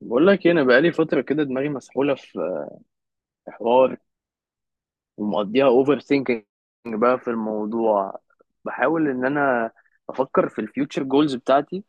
بقول لك إيه، انا بقالي فتره كده، دماغي مسحوله في حوار، ومقضيها اوفر ثينكينج بقى في الموضوع. بحاول ان انا افكر في الفيوتشر جولز بتاعتي،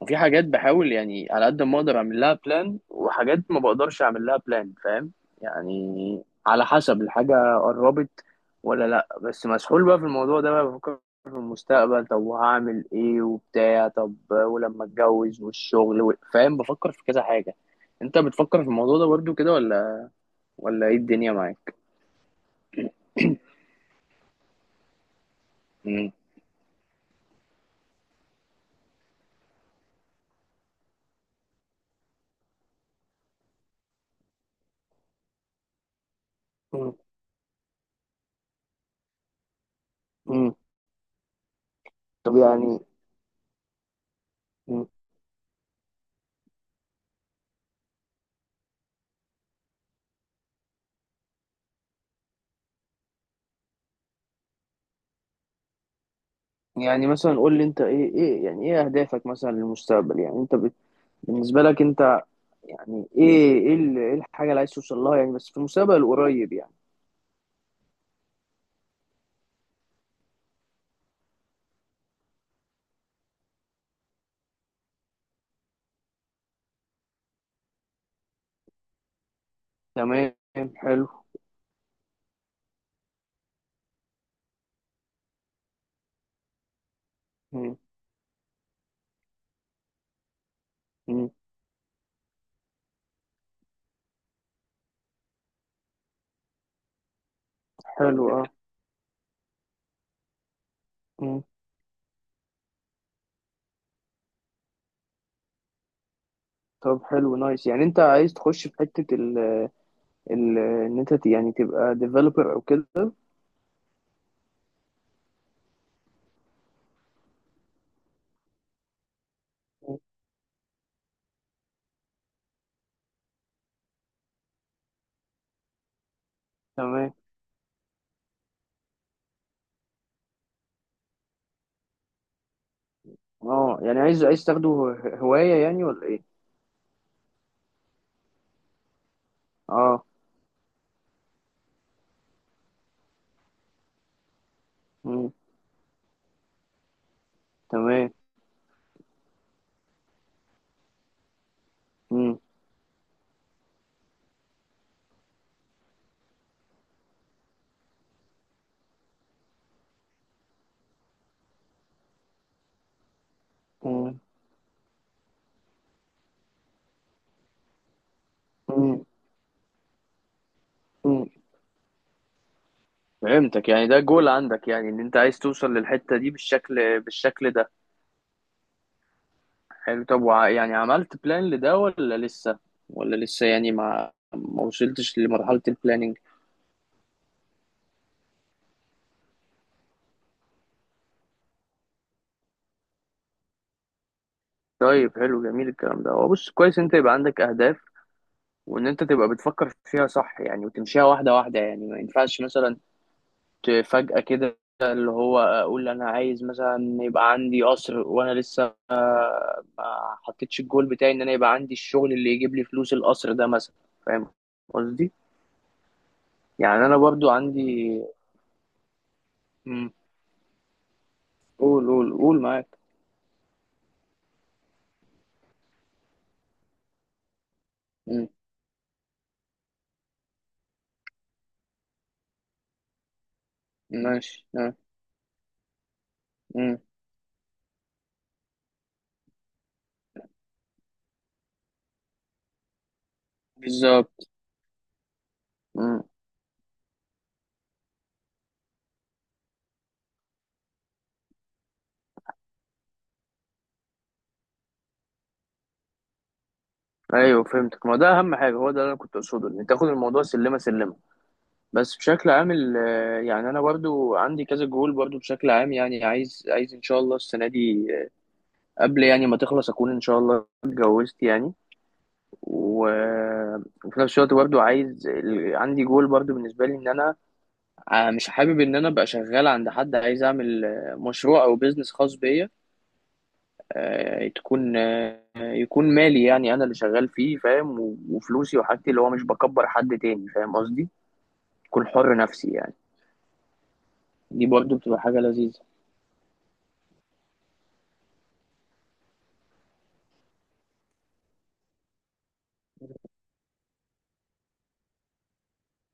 وفي حاجات بحاول يعني على قد ما اقدر اعمل لها بلان، وحاجات ما بقدرش اعمل لها بلان. فاهم يعني، على حسب الحاجة قربت ولا لا. بس مسحول بقى في الموضوع ده، بقى بفكر في المستقبل. طب وهعمل ايه وبتاع، طب ولما اتجوز والشغل و فاهم، بفكر في كذا حاجة. انت بتفكر في الموضوع ده برضو كده ولا ايه الدنيا معاك؟ امم امم طب يعني. مم. يعني مثلا قول لي انت، ايه ايه يعني، ايه اهدافك مثلا للمستقبل؟ يعني انت بالنسبة لك انت، يعني ايه ايه إيه الحاجة اللي عايز توصل لها يعني، بس في المستقبل القريب يعني. تمام. حلو. مم. مم. حلو اه. مم. طب حلو نايس، يعني انت عايز تخش في حتة ال ان انت يعني تبقى ديفلوبر او كده. مم. تمام. اه يعني عايز عايز تاخده هواية يعني، ولا ايه؟ اه. مم. تمام. مم. مم. مم. مم. فهمتك، يعني ده جول عندك، يعني ان انت عايز توصل للحتة دي بالشكل بالشكل ده. حلو. طب يعني عملت بلان لده ولا لسه، ولا لسه يعني ما وصلتش لمرحلة البلاننج؟ طيب حلو جميل الكلام ده. هو بص، كويس انت يبقى عندك اهداف، وان انت تبقى بتفكر فيها صح يعني، وتمشيها واحدة واحدة. يعني ما ينفعش مثلا فجأة كده، اللي هو اقول انا عايز مثلا يبقى عندي قصر، وانا لسه ما حطيتش الجول بتاعي، ان انا يبقى عندي الشغل اللي يجيب لي فلوس القصر ده مثلا. فاهم قصدي، يعني انا برضو عندي. مم. قول قول قول معاك. ماشي آه. مم. بالظبط. مم. ايوه فهمتك، ما ده اهم حاجه، هو ده اللي انا كنت اقصده، ان تاخد الموضوع سلمه سلمه. بس بشكل عام آه، يعني انا برضو عندي كذا جول برضو بشكل عام، يعني عايز عايز ان شاء الله السنه دي آه، قبل يعني ما تخلص، اكون ان شاء الله اتجوزت يعني. آه، وفي نفس الوقت برضو عايز عندي جول برضو بالنسبه لي، ان انا آه، مش حابب ان انا ابقى شغال عند حد. عايز اعمل آه، مشروع او بيزنس خاص بيا، آه، تكون آه، يكون مالي، يعني انا اللي شغال فيه، فاهم. وفلوسي وحاجتي، اللي هو مش بكبر حد تاني. فاهم قصدي، اكون حر نفسي يعني. دي برضو بتبقى حاجة لذيذة.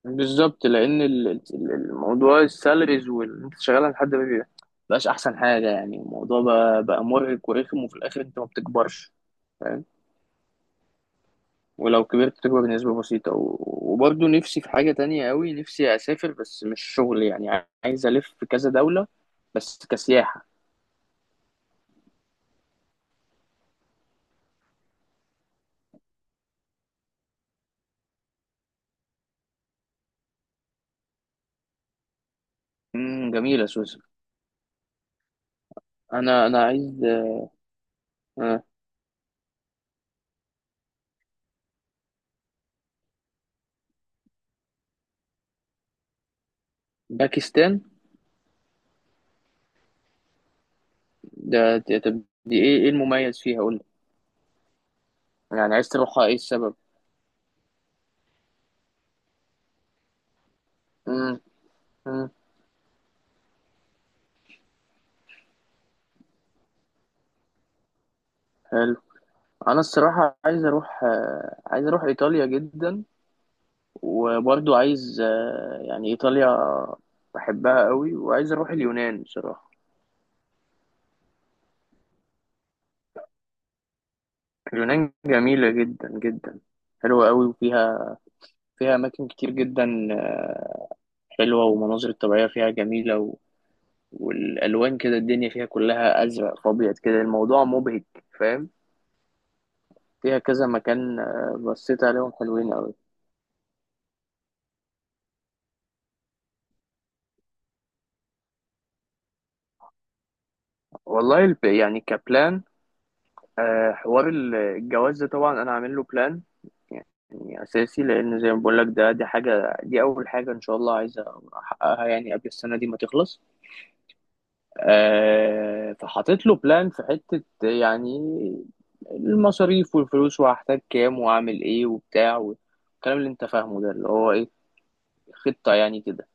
بالظبط، لان الموضوع السالاريز وان انت شغال عند حد ما بقاش احسن حاجة. يعني الموضوع بقى، بقى مرهق ورخم، وفي الاخر انت ما بتكبرش. فاهم. ولو كبرت بتكبر بنسبة بسيطة وبرضو نفسي في حاجة تانية قوي، نفسي اسافر بس مش شغل يعني، عايز الف في كذا دولة بس كسياحة. امم، جميلة سويسرا. انا انا عايز آه، باكستان. طب دي ايه، ايه المميز فيها؟ قول لي، يعني عايز تروحها ايه السبب؟ امم. امم. حلو. انا الصراحه عايز اروح آه، عايز اروح ايطاليا جدا. وبرضو عايز آه، يعني ايطاليا بحبها قوي، وعايز اروح اليونان بصراحه. اليونان جميله جدا جدا، حلوه قوي، وفيها فيها اماكن كتير جدا آه، حلوه، والمناظر الطبيعيه فيها جميله. والالوان كده، الدنيا فيها كلها ازرق فابيض كده، الموضوع مبهج. فاهم؟ فيها كذا مكان آه، بصيت عليهم حلوين قوي. والله يعني كبلان آه، حوار الجواز ده طبعا انا عامل له بلان يعني اساسي، لان زي ما بقول لك، ده دي حاجه، دي اول حاجه ان شاء الله عايز احققها يعني قبل السنه دي ما تخلص. آه، فحطيت له بلان في حته يعني، المصاريف والفلوس وهحتاج كام واعمل ايه وبتاع، والكلام اللي انت فاهمه ده اللي هو ايه، خطه يعني كده.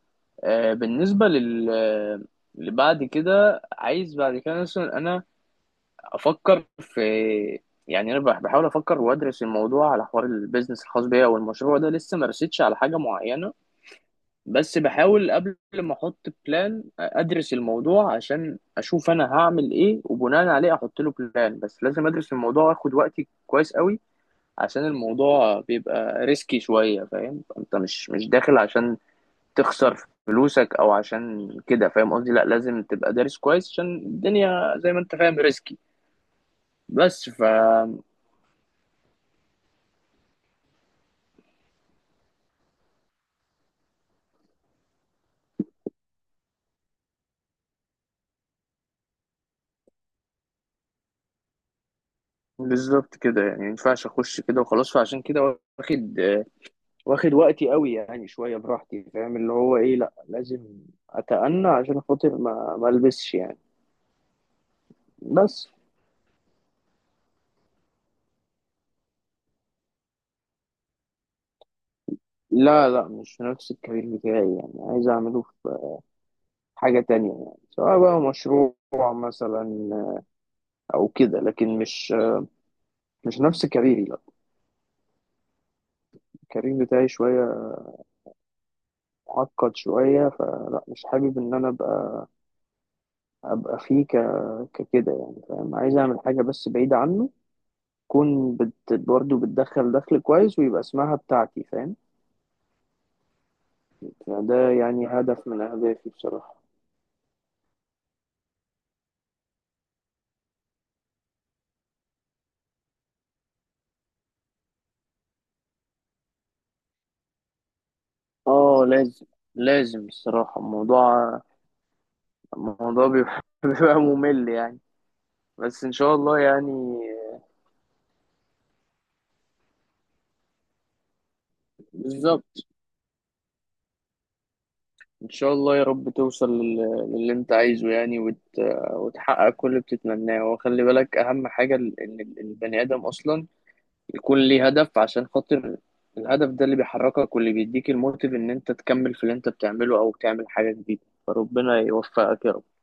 آه، بالنسبة لل لبعد كده، عايز بعد كده مثلا انا افكر في، يعني انا بحاول افكر وادرس الموضوع على حوار البيزنس الخاص بيا او المشروع ده، لسه ما رسيتش على حاجة معينة. بس بحاول قبل ما احط بلان ادرس الموضوع، عشان اشوف انا هعمل ايه، وبناء عليه احط له بلان. بس لازم ادرس الموضوع واخد وقتي كويس قوي، عشان الموضوع بيبقى ريسكي شوية، فاهم. انت مش داخل عشان تخسر فلوسك او عشان كده، فاهم قصدي. لا لازم تبقى دارس كويس، عشان الدنيا زي ما انت فاهم ريسكي. بس ف، بالظبط كده يعني، ما ينفعش اخش كده وخلاص، فعشان كده واخد، واخد وقتي قوي يعني، شويه براحتي. فاهم اللي هو ايه، لا لازم اتأنى عشان خاطر ما البسش يعني. بس. لا لا مش نفس الكارير بتاعي، يعني عايز اعمله في حاجه تانية، يعني سواء بقى مشروع مثلا او كده، لكن مش، مش نفس كاريري لا. الكارير بتاعي شويه معقد شوية، فلا مش حابب إن أنا أبقى، أبقى فيه ك ككده يعني، فاهم. عايز أعمل حاجة بس بعيدة عنه، تكون بت برضه بتدخل دخل كويس، ويبقى اسمها بتاعتي، فاهم. ده يعني هدف من أهدافي بصراحة. اه لازم. لازم الصراحة، الموضوع الموضوع بيبقى، بيبقى ممل يعني. بس إن شاء الله يعني. بالظبط. ان شاء الله يا رب توصل للي انت عايزه يعني، وت وتحقق كل اللي بتتمناه. وخلي بالك اهم حاجة ان البني ادم اصلا يكون ليه هدف، عشان خاطر الهدف ده اللي بيحركك، واللي بيديك الموتيف ان انت تكمل في اللي انت بتعمله او تعمل حاجة جديدة. فربنا يوفقك يا